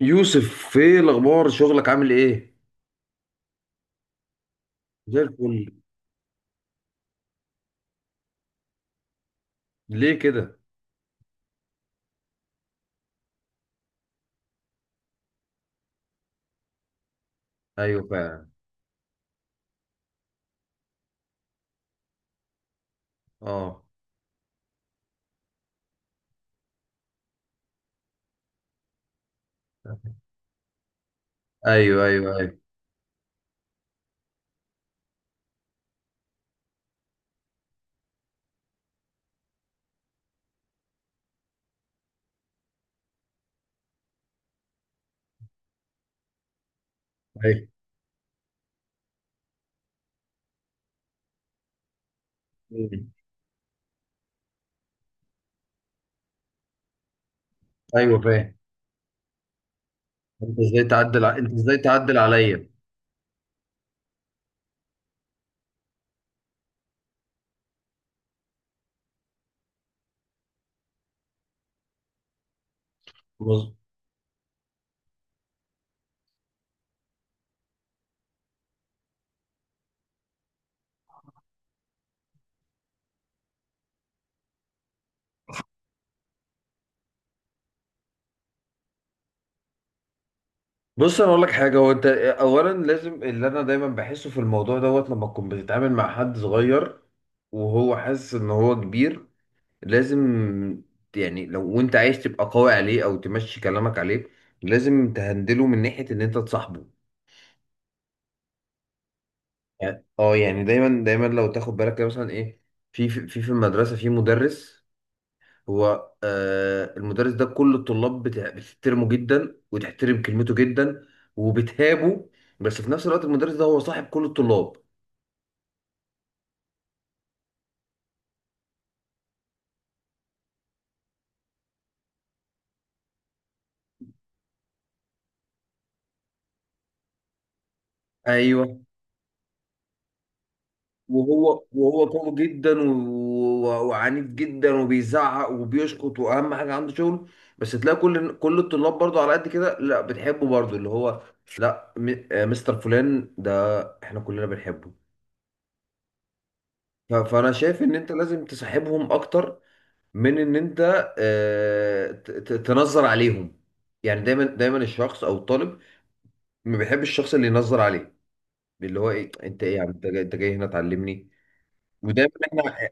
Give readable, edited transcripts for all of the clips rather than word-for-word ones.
يوسف، ايه الاخبار؟ شغلك عامل ايه؟ زي الفل. ليه كده؟ ايوه، فعلا. اه. ايوه، ايوه، ايوه. ايوه. مم. ايوه، فاهم. انت ازاي تعدل انت ازاي تعدل عليا؟ بص. بص، انا اقول لك حاجه. هو انت اولا لازم، اللي انا دايما بحسه في الموضوع دوت، لما تكون بتتعامل مع حد صغير وهو حاسس ان هو كبير، لازم. يعني لو وانت عايز تبقى قوي عليه او تمشي كلامك عليه، لازم تهندله من ناحيه ان انت تصاحبه. يعني دايما دايما لو تاخد بالك كده مثلا ايه، في المدرسه في مدرس. هو، المدرس ده، كل الطلاب بتحترمه جدا، وتحترم كلمته جدا، وبتهابه. بس في نفس الوقت المدرس ده هو صاحب كل الطلاب. ايوه. وهو قوي جدا، وعنيف جدا، وبيزعق وبيشخط، واهم حاجه عنده شغل. بس تلاقي كل الطلاب برضه على قد كده، لا، بتحبه برضه، اللي هو لا، مستر فلان ده احنا كلنا بنحبه. فانا شايف ان انت لازم تسحبهم اكتر من ان انت تنظر عليهم. يعني دايما دايما الشخص او الطالب ما بيحبش الشخص اللي ينظر عليه، اللي هو ايه، انت ايه يا عم، انت جاي، هنا تعلمني؟ ودايما احنا،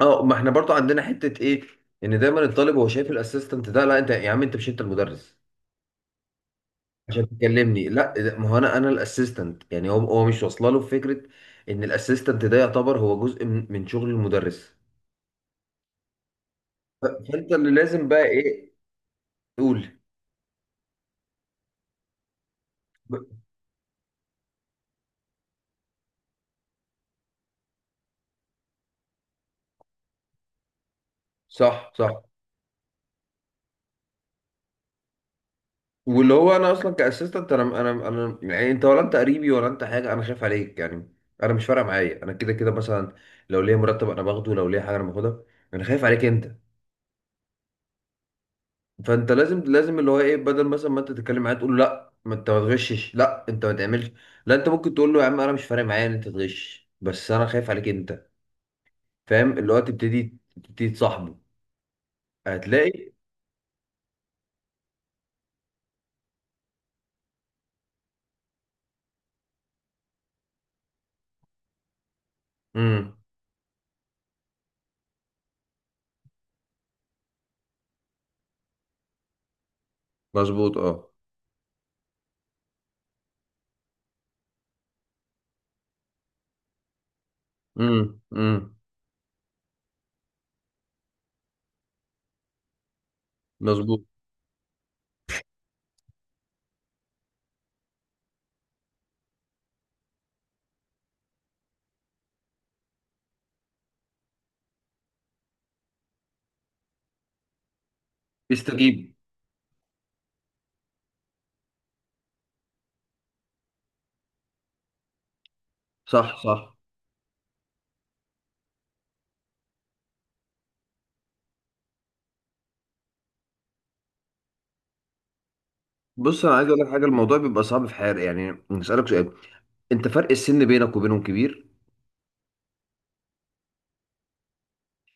ما احنا برضو عندنا حتة ايه، ان دايما الطالب هو شايف الاسيستنت ده، لا انت يا عم، انت مش المدرس عشان تكلمني. لا ما هو انا الاسيستنت. يعني هو مش واصله له فكرة ان الاسيستنت ده يعتبر هو جزء من شغل المدرس. فانت اللي لازم بقى ايه؟ قول. صح، صح. واللي هو انا اصلا كاسيستنت، انا يعني انت، ولا انت قريبي، ولا انت حاجه، انا خايف عليك يعني. انا مش فارقه معايا، انا كده كده مثلا، لو ليا مرتب انا باخده، لو ليا حاجه انا باخدها، انا خايف عليك انت. فانت لازم اللي هو ايه، بدل مثلا ما انت تتكلم معاه تقول له لا ما انت ما تغشش، لا انت ما تعملش، لا، انت ممكن تقول له يا عم انا مش فارق معايا ان انت تغش، بس انا خايف عليك انت. فاهم؟ اللي هو تبتدي تصاحبه. هتلاقي. امم. مظبوط، اه. امم، امم. مظبوط. يستجيب. صح، صح. بص، انا عايز اقول لك حاجه. الموضوع بيبقى صعب في حياتي، يعني اسالك سؤال، انت فرق السن بينك وبينهم كبير.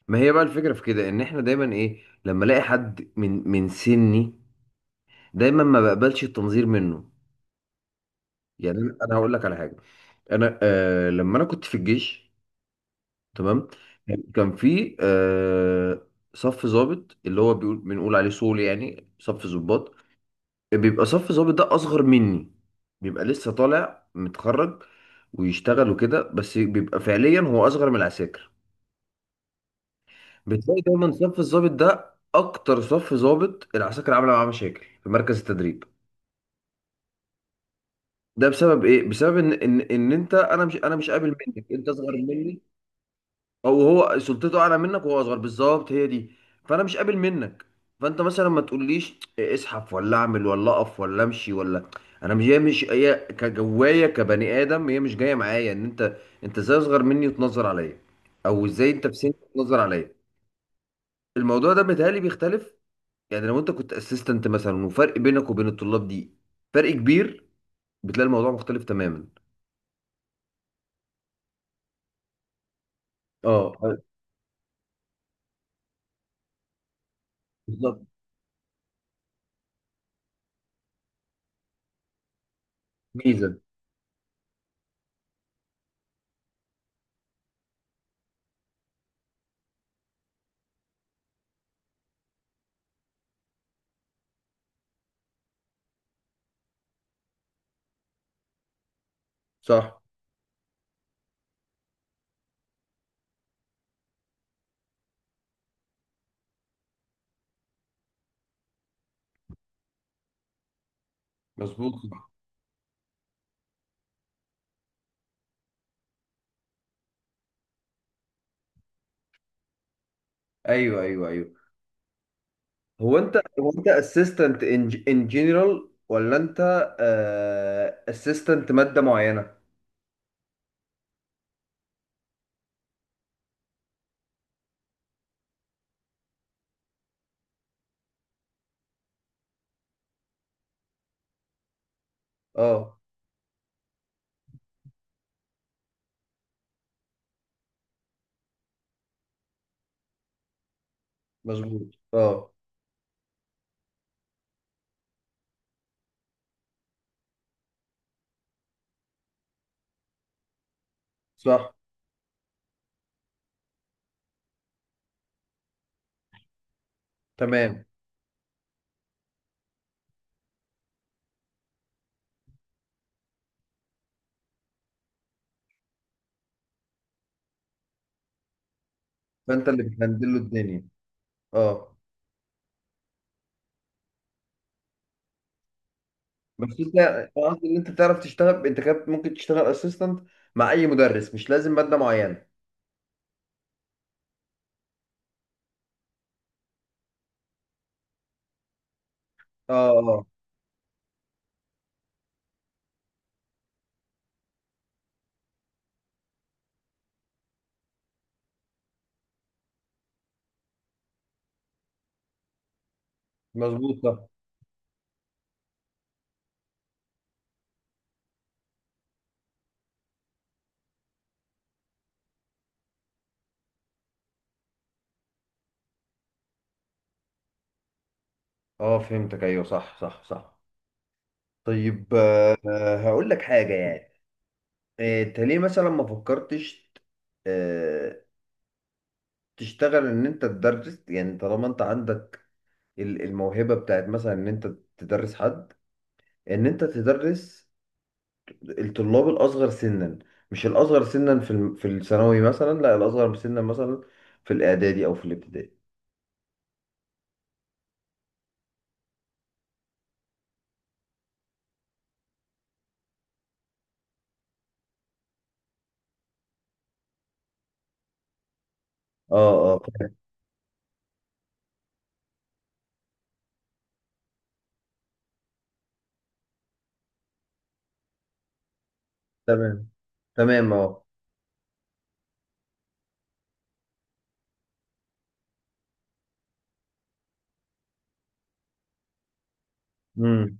ما هي بقى الفكره في كده ان احنا دايما ايه، لما الاقي حد من سني، دايما ما بقبلش التنظير منه. يعني انا، هقول لك على حاجه. انا آه لما انا كنت في الجيش، تمام، كان في صف ضابط، اللي هو بنقول عليه صول، يعني صف ضباط. بيبقى صف ظابط ده اصغر مني، بيبقى لسه طالع متخرج، ويشتغل وكده، بس بيبقى فعليا هو اصغر من العساكر. بتلاقي دايما صف الظابط ده اكتر صف ظابط العساكر عامله معاه مشاكل في مركز التدريب. ده بسبب ايه؟ بسبب ان انت، انا مش قابل منك، انت اصغر مني. او هو سلطته اعلى منك وهو اصغر، بالظبط، هي دي. فانا مش قابل منك. فانت مثلا ما تقوليش إيه، اسحف ولا اعمل ولا اقف ولا امشي ولا انا مش هي مش هي كجوايا كبني ادم، هي مش جايه معايا ان انت، انت ازاي اصغر مني وتنظر عليا، او ازاي انت في سني تنظر عليا؟ الموضوع ده متهيألي بيختلف. يعني لو انت كنت اسيستنت مثلا، وفرق بينك وبين الطلاب دي فرق كبير، بتلاقي الموضوع مختلف تماما. اه، بالظبط. ميزه. صح. مظبوط. ايوه، ايوه، ايوه. هو انت اسيستنت ان جنرال، ولا انت اسيستنت ماده معينه؟ اه. مظبوط، اه. صح. تمام. فانت اللي بتهندل له الدنيا. اه. بس انت، أنا قصدي ان انت تعرف تشتغل انت كده، ممكن تشتغل اسيستنت مع اي مدرس، مش لازم ماده معينه. اه، اه. مظبوط، صح. اه، فهمتك، ايوه، صح، صح، صح. طيب، هقول لك حاجه يعني، انت ليه مثلا ما فكرتش، آه، تشتغل ان انت تدرس، يعني طالما انت عندك الموهبة بتاعت مثلا ان انت تدرس حد، ان انت تدرس الطلاب الاصغر سنا، مش الاصغر سنا في في الثانوي مثلا، لا الاصغر سنا مثلا في الاعدادي او في الابتدائي. اه، اه. تمام. تمام، اه. امم.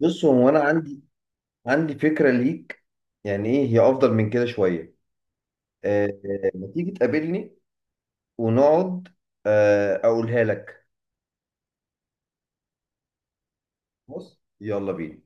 بص، هو انا عندي فكرة ليك، يعني ايه هي، افضل من كده شوية. ما تيجي تقابلني ونقعد، اقولها لك. بص، يلا بينا.